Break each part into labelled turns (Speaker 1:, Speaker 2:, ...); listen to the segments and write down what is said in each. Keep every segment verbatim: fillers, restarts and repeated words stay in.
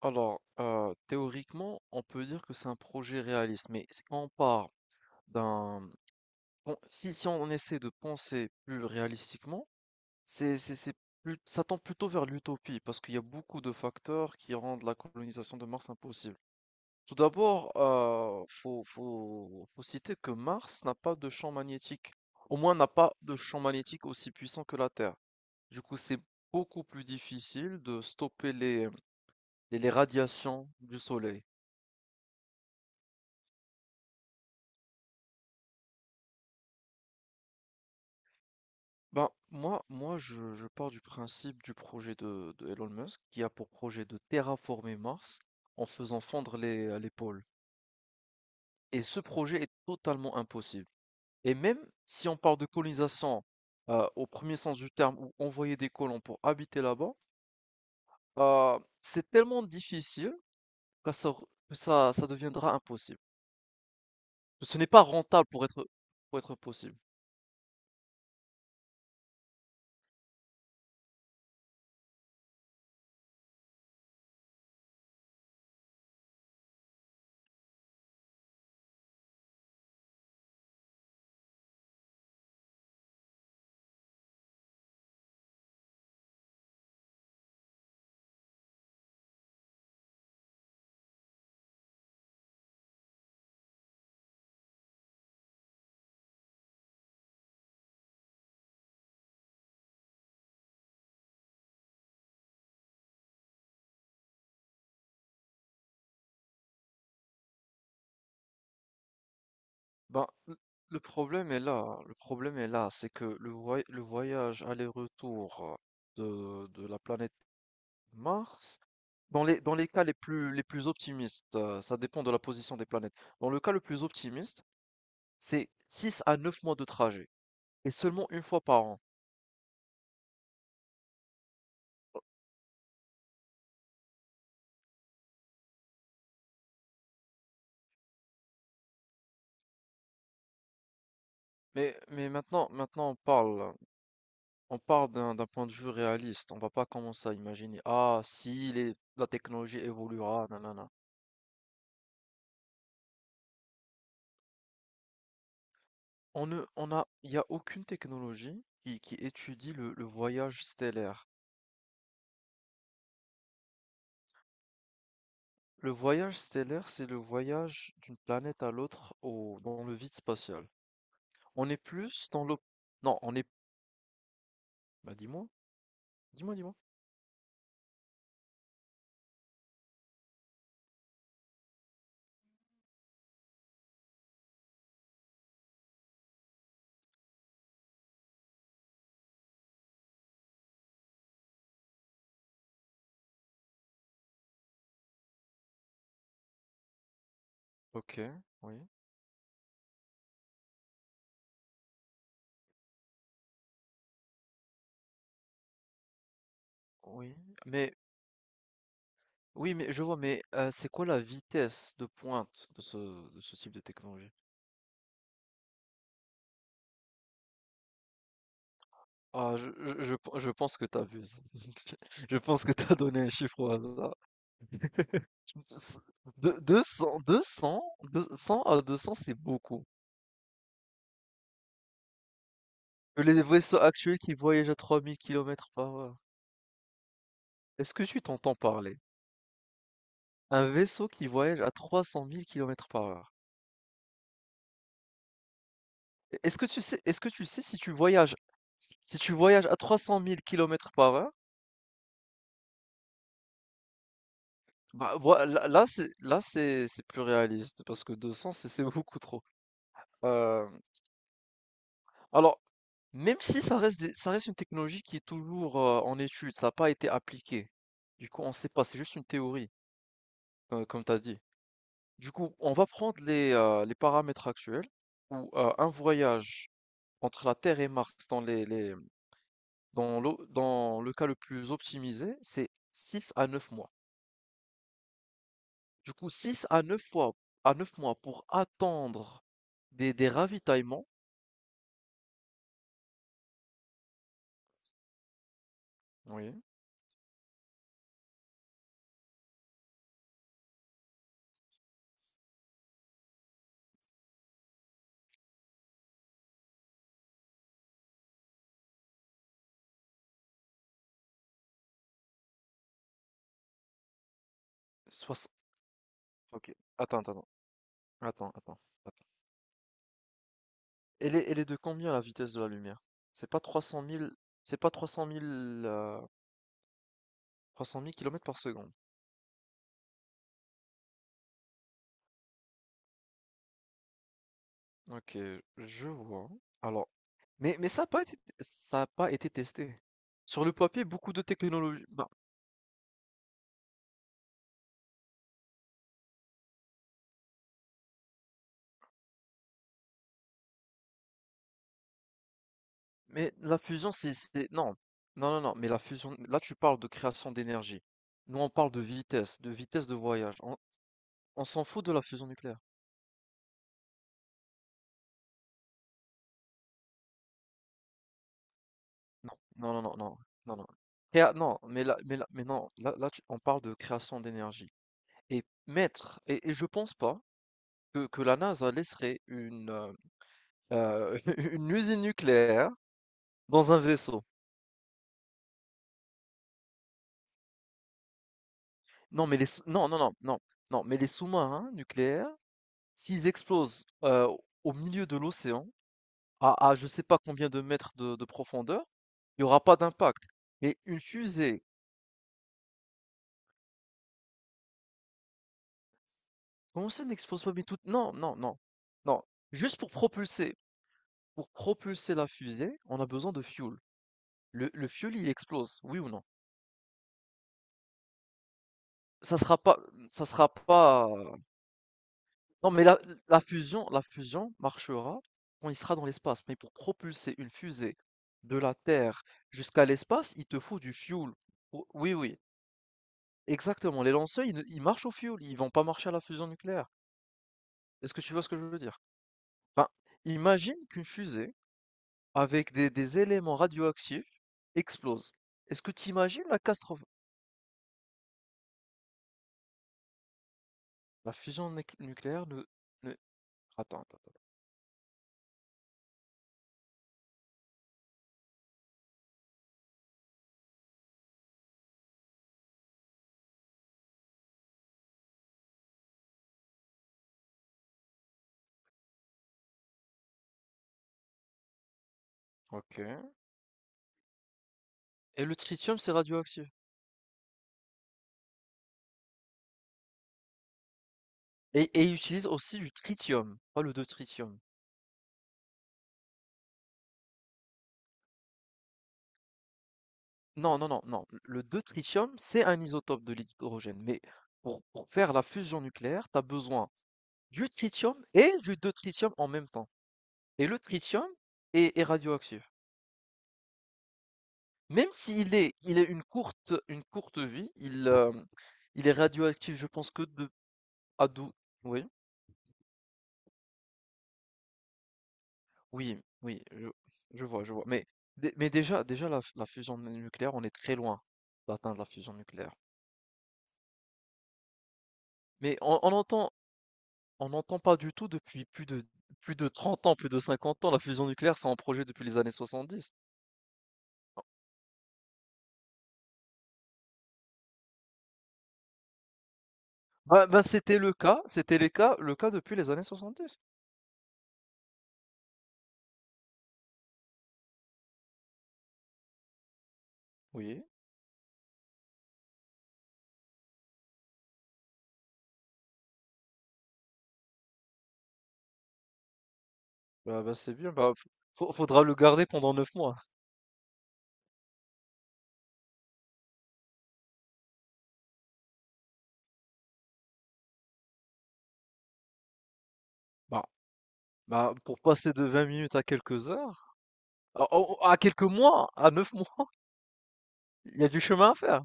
Speaker 1: Alors, euh, théoriquement, on peut dire que c'est un projet réaliste, mais c'est quand on part d'un... bon, si, si on essaie de penser plus réalistiquement, c'est, c'est, c'est plus, ça tend plutôt vers l'utopie, parce qu'il y a beaucoup de facteurs qui rendent la colonisation de Mars impossible. Tout d'abord, euh, faut, faut, faut citer que Mars n'a pas de champ magnétique, au moins n'a pas de champ magnétique aussi puissant que la Terre. Du coup, c'est beaucoup plus difficile de stopper les, les les radiations du Soleil. Ben, moi, moi je, je pars du principe du projet de, de Elon Musk qui a pour projet de terraformer Mars en faisant fondre les, euh, les pôles. Et ce projet est totalement impossible. Et même si on parle de colonisation euh, au premier sens du terme ou envoyer des colons pour habiter là-bas, euh, c'est tellement difficile que ça, que ça, ça deviendra impossible. Ce n'est pas rentable pour être, pour être possible. Ben, l- le problème est là, le problème est là, c'est que le, voy- le voyage aller-retour de, de la planète Mars, dans les, dans les cas les plus, les plus optimistes, euh, ça dépend de la position des planètes. Dans le cas le plus optimiste, c'est six à neuf mois de trajet, et seulement une fois par an. Mais, mais maintenant, maintenant on parle, on parle d'un d'un point de vue réaliste, on va pas commencer à imaginer, ah, si les- la technologie évoluera, nanana. On ne, on a, il n'y a aucune technologie qui, qui étudie le, le voyage stellaire. Le voyage stellaire, c'est le voyage d'une planète à l'autre au, dans le vide spatial. On est plus dans l'op... Non, on est... Bah dis-moi, dis-moi, dis-moi. Ok, oui, oui. Mais, oui, mais je vois, mais euh, c'est quoi la vitesse de pointe de ce, de ce type de technologie? Ah, je, je, je, je pense que t'abuses. Je pense que t'as donné un chiffre au hasard. De deux- cents deux cents deux cents à deux cents, c'est beaucoup. Les vaisseaux actuels qui voyagent à trois mille kilomètres par heure. Est-ce que tu t'entends parler? Un vaisseau qui voyage à trois cent mille kilomètres par heure. E- Est-ce que tu sais, est-ce que tu sais si tu voyages, si tu voyages à trois cent mille kilomètres par heure? Bah, voi- là, là, c'est, là, c'est, c'est plus réaliste parce que deux cents c'est c'est beaucoup trop. Euh, Alors, même si ça reste des- ça reste une technologie qui est toujours euh, en étude, ça n'a pas été appliqué. Du coup, on ne sait pas, c'est juste une théorie, euh, comme tu as dit. Du coup, on va prendre les, euh, les paramètres actuels où euh, un voyage entre la Terre et Mars dans les, les- dans l'o- dans le cas le plus optimisé, c'est six à neuf mois. Du coup, six à neuf fois à neuf mois pour attendre des, des ravitaillements. Oui. Soix- Ok. Attends, attends, attends, attends, attends. Elle est elle est de combien, la vitesse de la lumière? C'est pas trois cent mille, c'est pas trois cent mille, euh, trois cent mille kilomètres par seconde. Ok, je vois. Alors, mais, mais ça n'a pas été, ça a pas été testé. Sur le papier, beaucoup de technologies. Bah, mais la fusion, c'est, c'est- non, non, non, non. Mais la fusion, là, tu parles de création d'énergie. Nous, on parle de vitesse, de vitesse de voyage. On, on s'en fout de la fusion nucléaire. Non, non, non, non, non, non, non. Créa- non, mais là, mais là, mais non. Là, là, tu- on parle de création d'énergie. Et mettre et et je pense pas que que la NASA laisserait une, heu heu, une usine nucléaire dans un vaisseau. Non, mais les sous non, non, non, non, non, mais les sous-marins nucléaires, s'ils explosent, heu, au milieu de l'océan, à à je sais pas combien de mètres de de profondeur, il y aura pas d'impact. Mais une fusée, comment ça n'explose pas? Mais toute non, non, non, non. Juste pour propulser pour propulser la fusée, on a besoin de fuel. Le le fuel, il explose, oui ou non? Ça sera pas ça sera pas, heu, Non mais la la fusion la fusion marchera quand il sera dans l'espace, mais pour propulser une fusée de la Terre jusqu'à l'espace, il te faut du fuel. Ou Oui, oui, exactement, les lanceurs, ils ne ils marchent au fuel, ils vont pas marcher à la fusion nucléaire. Est-ce que tu vois ce que je veux dire? Ben, imagine qu'une fusée avec des des éléments radioactifs explose. Est-ce que tu imagines la catastrophe? La fusion néc nucléaire ne ne attends, attends, attends. OK. Et le tritium, c'est radioactif. Et et il utilise aussi du tritium, pas le deutérium. Non, non, non, non. Le deutérium, c'est un isotope de l'hydrogène, mais pour, pour faire la fusion nucléaire, tu as besoin du tritium et du deutérium en même temps. Et le tritium est, est radioactif. Même s'il est, il est une courte, une courte vie, il, euh, il est radioactif, je pense que de à dou- Oui, oui, oui, je, je vois, je vois. Mais, dé- mais déjà, déjà la, la fusion nucléaire, on est très loin d'atteindre la fusion nucléaire. Mais on, on entend, On n'entend pas du tout depuis plus de plus de trente ans, plus de cinquante ans. La fusion nucléaire, c'est en projet depuis les années soixante-dix. Bah, bah, c'était le cas, c'était les cas, le cas depuis les années soixante-dix. Oui, bah, bah, c'est bien, bah, faut- faudra le garder pendant neuf mois. Bah, bah, pour passer de vingt minutes à quelques heures, à, à- à quelques mois, à neuf mois, il y a du chemin à faire.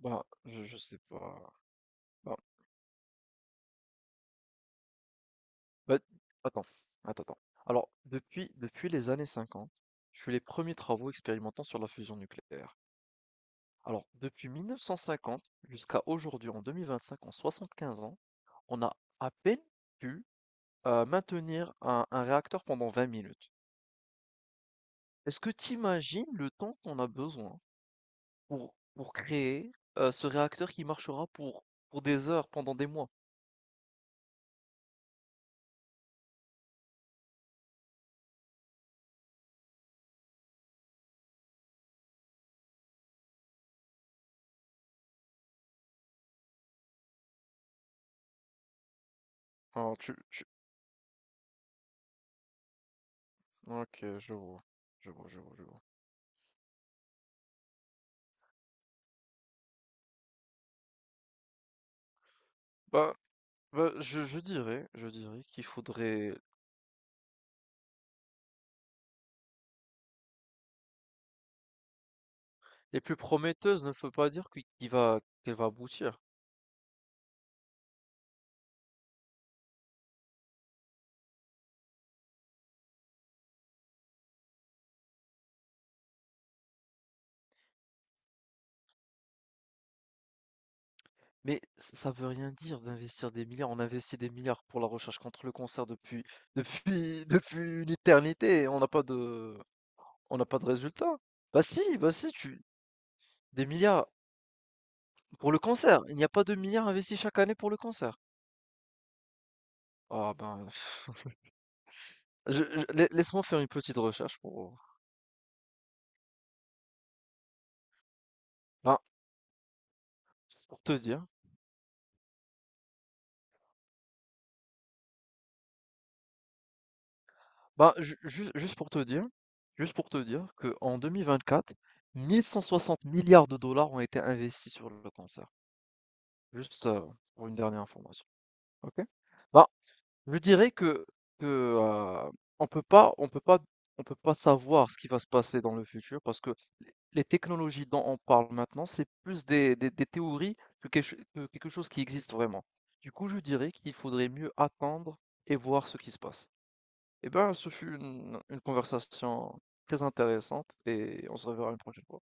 Speaker 1: Bah, je, je sais pas. Bah, bah, attends, attends, attends. Alors, depuis, depuis les années cinquante, je fais les premiers travaux expérimentants sur la fusion nucléaire. Alors, depuis mille neuf cent cinquante jusqu'à aujourd'hui, en deux mille vingt-cinq, en soixante-quinze ans, on a à peine pu euh, maintenir un, un réacteur pendant vingt minutes. Est-ce que tu imagines le temps qu'on a besoin pour, pour créer euh, ce réacteur qui marchera pour, pour des heures, pendant des mois? Ah, tu, tu- Ok, je vois. Je vois, je vois, je vois. Bah, bah, je, je dirais, je dirais qu'il faudrait. Les plus prometteuses ne veut pas dire qu'il qu'il va, qu'elle va aboutir. Mais ç ça veut rien dire d'investir des milliards. On investit des milliards pour la recherche contre le cancer depuis depuis depuis une éternité et on n'a pas de on n'a pas de résultat. Bah si, bah si, tu des milliards pour le cancer. Il n'y a pas de milliards investis chaque année pour le cancer. Ah ben, je je lai laisse-moi faire une petite recherche pour, ben, pour te dire. Ben, ju ju juste pour te dire juste pour te dire que qu'en deux mille vingt-quatre, mille cent soixante milliards de dollars ont été investis sur le cancer. Juste, heu, pour une dernière information. OK. Ben, je dirais que que, heu, on peut pas on peut pas on peut pas savoir ce qui va se passer dans le futur parce que les les technologies dont on parle maintenant, c'est plus des des des théories que quelque ch que quelque chose qui existe vraiment. Du coup, je dirais qu'il faudrait mieux attendre et voir ce qui se passe. Eh ben, ce fut une une conversation très intéressante et on se reverra une prochaine fois.